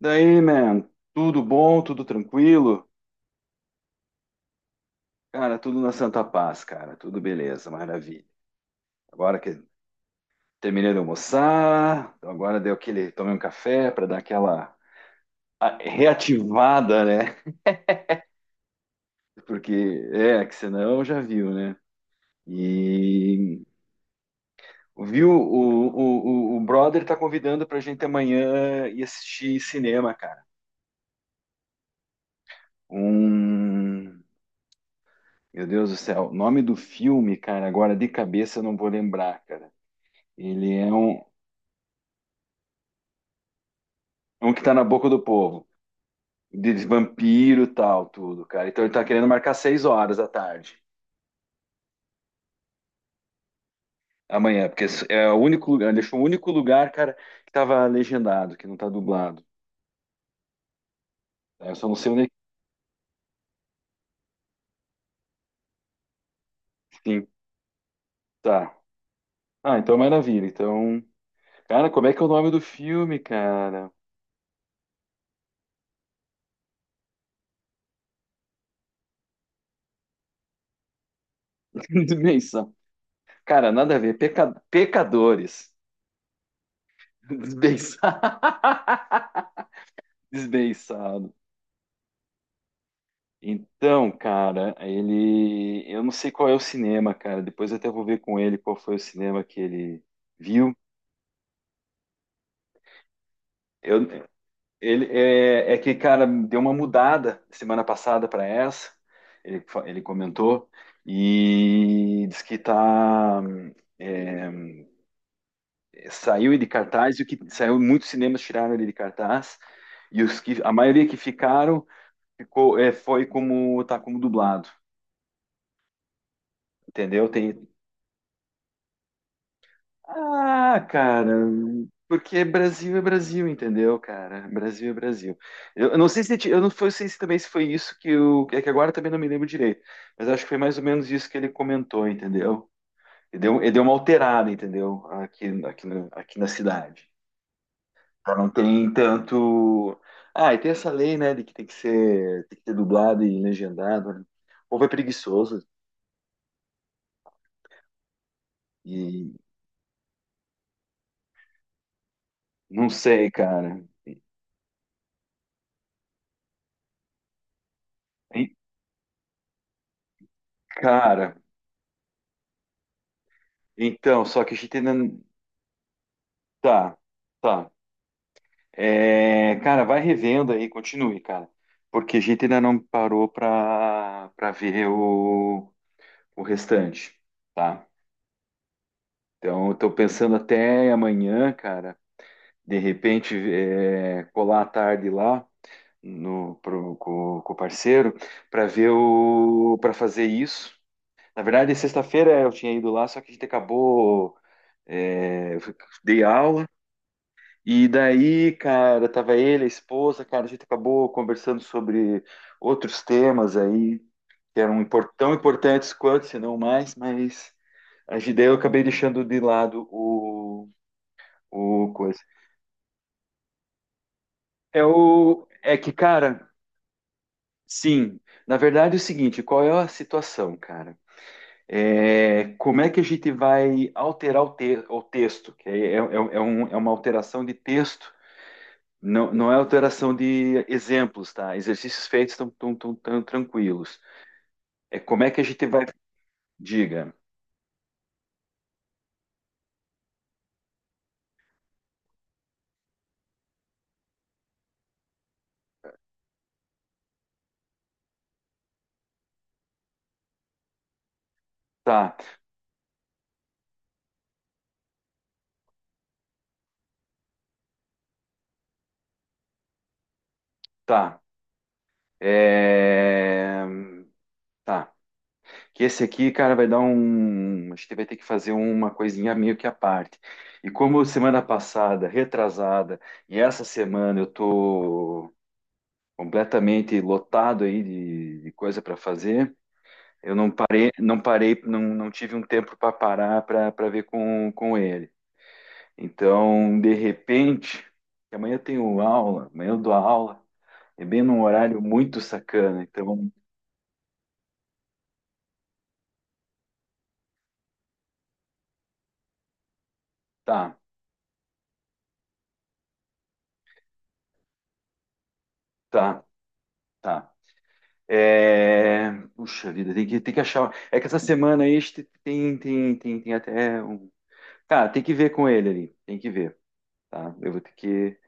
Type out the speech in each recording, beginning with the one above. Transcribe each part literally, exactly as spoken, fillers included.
Daí, man, tudo bom, tudo tranquilo? Cara, tudo na Santa Paz, cara, tudo beleza, maravilha. Agora que terminei de almoçar, então agora deu aquele, tomei um café para dar aquela a- reativada, né? Porque é, que senão já viu, né? E viu, o, o, o, o brother tá convidando pra gente amanhã ir assistir cinema, cara. Um, meu Deus do céu, o nome do filme, cara, agora de cabeça eu não vou lembrar, cara. Ele é um, um que tá na boca do povo. De de vampiro e tal, tudo, cara. Então ele tá querendo marcar seis horas da tarde. Amanhã, porque é o único lugar, deixou o único lugar, cara, que tava legendado, que não tá dublado. É, eu só não sei onde é que é. Sim, tá. Ah, então é maravilha. Então, cara, como é que é o nome do filme, cara? Desbenção. Cara, nada a ver. Peca- Pecadores. Desbenção. Desbençados. Então, cara, ele. Eu não sei qual é o cinema, cara. Depois eu até vou ver com ele qual foi o cinema que ele viu. Eu... Ele é... é que, cara, deu uma mudada semana passada para essa. Ele... fa- ele comentou. E diz que tá. É, saiu de cartaz, e o que saiu, muitos cinemas tiraram ele de cartaz. E os que, a maioria que ficaram ficou, é, foi como tá como dublado, entendeu? Tem, ah, cara, porque Brasil é Brasil, entendeu, cara? Brasil é Brasil. Eu, eu não sei se ti- eu não foi- sei se também se foi isso que o é que agora também não me lembro direito, mas acho que foi mais ou menos isso que ele comentou, entendeu? Ele deu, ele deu uma alterada, entendeu? Aqui, aqui, na- aqui na cidade. Já não tem tanto. Ah, e tem essa lei, né, de que tem que ser, tem que ser dublado e legendado. Né? O povo é preguiçoso e não sei, cara. E, cara, então, só que a gente ainda. Tá, tá. É, cara, vai revendo aí, continue, cara. Porque a gente ainda não parou pra, pra ver o, o restante, tá? Então, eu tô pensando até amanhã, cara, de repente, é, colar à tarde lá no, pro, com, com o parceiro pra ver o, para fazer isso. Na verdade, sexta-feira eu tinha ido lá, só que a gente acabou, é, eu dei aula. E daí, cara, tava ele, a esposa, cara, a gente acabou conversando sobre outros temas aí, que eram impor- tão importantes quanto, se não mais, mas a gente- daí eu acabei deixando de lado o, o coisa. É o, é que, cara, sim, na verdade é o seguinte, qual é a situação, cara? É, como é que a gente vai alterar o, te- o texto? Que é, é, é um- é uma alteração de texto. Não, não é alteração de exemplos, tá? Exercícios feitos estão tão, tão, tão tranquilos. É como é que a gente vai. Diga, tá, tá. É... Tá. Que esse aqui, cara, vai dar um. A gente vai ter que fazer uma coisinha meio que à parte. E como semana passada, retrasada, e essa semana eu tô completamente lotado aí de, de coisa para fazer, eu não parei, não parei, não, não tive um tempo para parar para ver com, com ele. Então, de repente, que amanhã eu tenho aula, amanhã eu dou aula, é bem num horário muito sacana. Então, tá, tá, tá. É... Puxa vida, tem que, tem que achar. É que essa semana aí este- tem, tem, tem, tem até um. Cara, tem que ver com ele ali, tem que ver, tá? Eu vou ter que.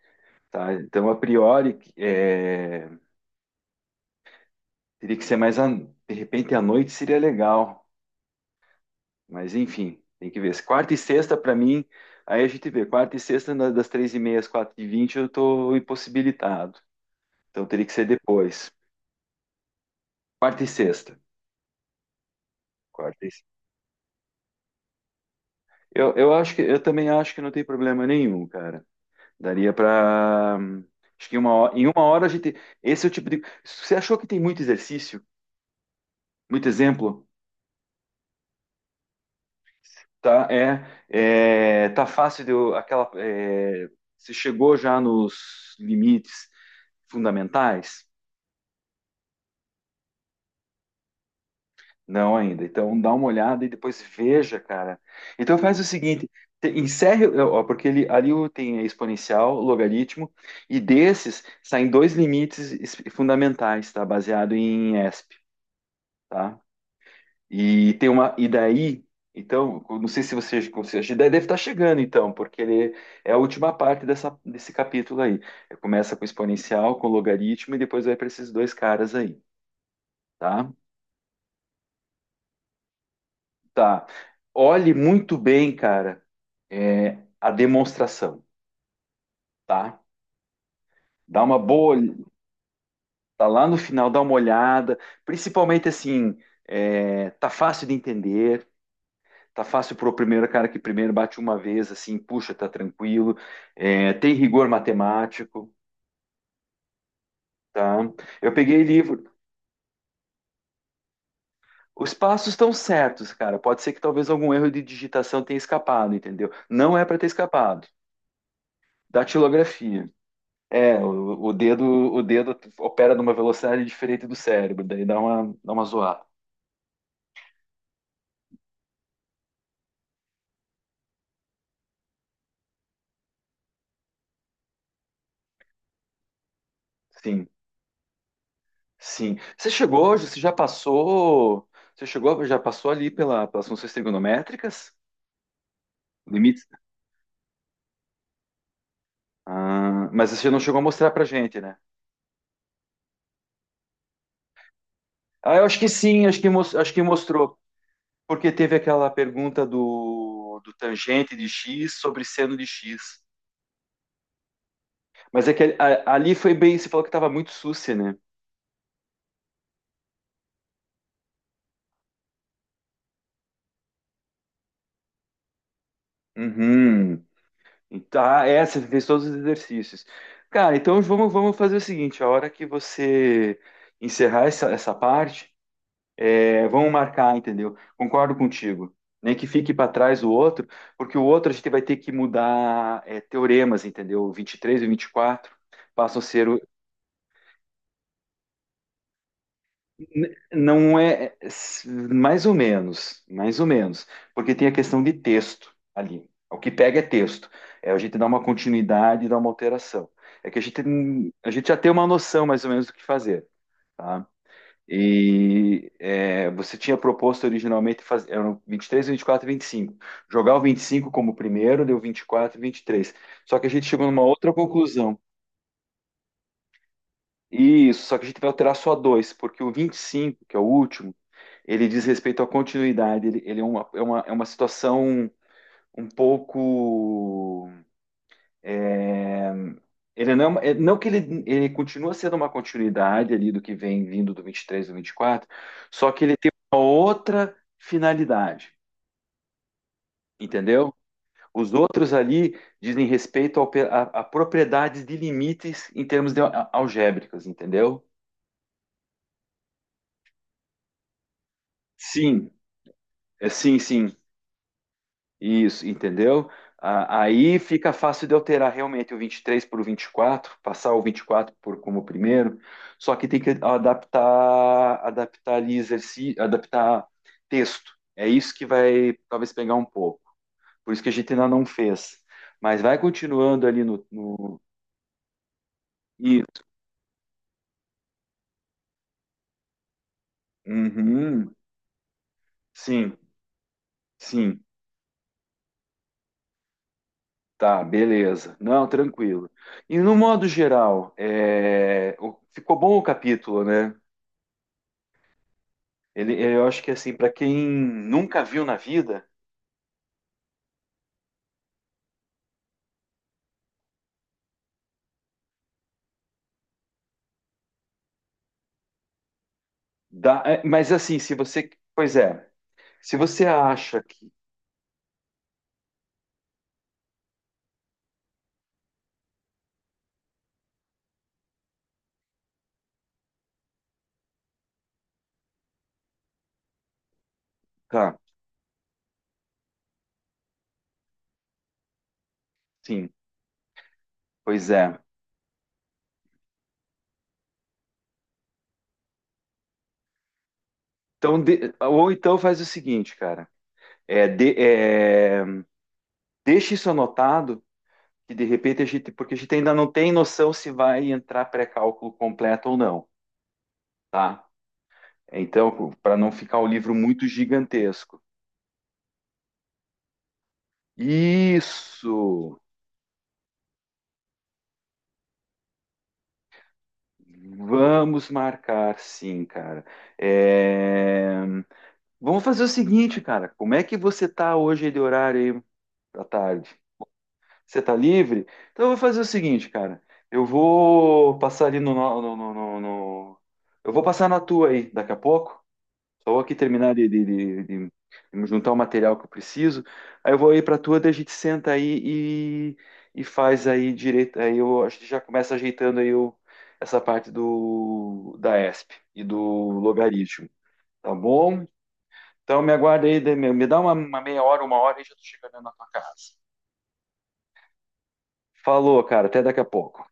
Tá, então, a priori, é, teria que ser mais. A... De repente, à noite seria legal. Mas enfim, tem que ver. Quarta e sexta, para mim, aí a gente vê. Quarta e sexta, na- das três e meia às quatro e vinte, eu estou impossibilitado. Então teria que ser depois. Quarta e sexta. Quarta e... se- Eu, eu acho que eu também acho que não tem problema nenhum, cara. Daria para acho que uma hora, em uma hora a gente. Esse é o tipo de. Você achou que tem muito exercício, muito exemplo, tá? É, é tá fácil de eu- aquela. É, você chegou já nos limites fundamentais? Não ainda. Então dá uma olhada e depois veja, cara. Então faz o seguinte, te- encerre, ó, porque ele, ali o- tem é exponencial, logaritmo, e desses saem dois limites es- fundamentais, tá? Baseado em E S P, tá? E tem uma e daí, então, eu não sei se você, você a deve estar chegando então, porque ele é a última parte dessa, desse capítulo aí. Começa com exponencial, com logaritmo e depois vai para esses dois caras aí, tá? Tá. Olhe muito bem, cara, é, a demonstração, tá? Dá uma boa, ol- Tá lá no final, dá uma olhada. Principalmente assim, é, tá fácil de entender, tá fácil pro primeiro cara que primeiro bate uma vez, assim, puxa, tá tranquilo. É, tem rigor matemático, tá? Eu peguei livro. Os passos estão certos, cara. Pode ser que talvez algum erro de digitação tenha escapado, entendeu? Não é para ter escapado. Datilografia. É, o, o dedo, o dedo opera numa velocidade diferente do cérebro, daí dá uma, dá uma zoada. Sim, sim. Você chegou, você já passou, você chegou, já passou ali pela, pelas funções trigonométricas, limites. Ah, mas você não chegou a mostrar pra gente, né? Ah, eu acho que sim, acho que, mos- acho que mostrou, porque teve aquela pergunta do, do tangente de x sobre seno de x. Mas é que a- ali foi bem, você falou que estava muito sucia, né? Uhum. Então, ah, é, você fez todos os exercícios. Cara, então vamos, vamos fazer o seguinte: a hora que você encerrar essa, essa parte, é, vamos marcar, entendeu? Concordo contigo. Nem que fique para trás o outro, porque o outro a gente vai ter que mudar é, teoremas, entendeu? O vinte e três e o quatro passam a ser N- não é s- mais ou menos, mais ou menos, porque tem a questão de texto ali. O que pega é texto. É a gente dá uma continuidade, dá uma alteração. É que a gente, n- a gente já tem uma noção mais ou menos do que fazer, tá? E é, você tinha proposto originalmente fazer, eram vinte e três, vinte e quatro e vinte e cinco. Jogar o vinte e cinco como primeiro, deu vinte e quatro e vinte e três. Só que a gente chegou numa outra conclusão. Isso, só que a gente vai alterar só dois, porque o vinte e cinco, que é o último, ele diz respeito à continuidade. Ele, ele é uma, é uma, é uma situação um pouco. É, Ele não, é- não que ele, ele continua sendo uma continuidade ali do que vem vindo do vinte e três do vinte e quatro, só que ele tem uma outra finalidade, entendeu? Os outros ali dizem respeito ao pe- a, a propriedades de limites em termos de al- algébricos, entendeu? Sim, é, sim, sim. Isso, entendeu? A- Aí fica fácil de alterar realmente o vinte e três para o vinte e quatro passar o vinte e quatro por como primeiro, só que tem que adaptar, adaptar ali exercício, adaptar texto. É isso que vai talvez pegar um pouco. Por isso que a gente ainda não fez. Mas vai continuando ali no, no... Isso. Uhum. Sim, sim. Tá, beleza. Não, tranquilo. E no modo geral, é, o- ficou bom o capítulo, né? Ele, eu acho que assim, para quem nunca viu na vida, dá, é, mas assim, se você, pois é, se você acha que, tá, sim, pois é. Então, de- ou então faz o seguinte, cara, é, de, é, deixa isso anotado, que de repente a gente, porque a gente ainda não tem noção se vai entrar pré-cálculo completo ou não, tá? Então, para não ficar o livro muito gigantesco. Isso. Vamos marcar, sim, cara. É, vamos fazer o seguinte, cara. Como é que você tá hoje de horário aí da tarde? Você tá livre? Então eu vou fazer o seguinte, cara. Eu vou passar ali no, no- no- no- no- no- eu vou passar na tua aí daqui a pouco. Só vou aqui terminar de, de- de- de- de juntar o material que eu preciso. Aí eu vou aí pra tua, daí a gente senta aí e, e faz aí direito. Aí eu acho que já começa ajeitando aí o- essa parte do, da E S P e do logaritmo. Tá bom? Então me aguarda aí, me dá uma, uma meia hora, uma hora e já tô chegando na tua casa. Falou, cara, até daqui a pouco.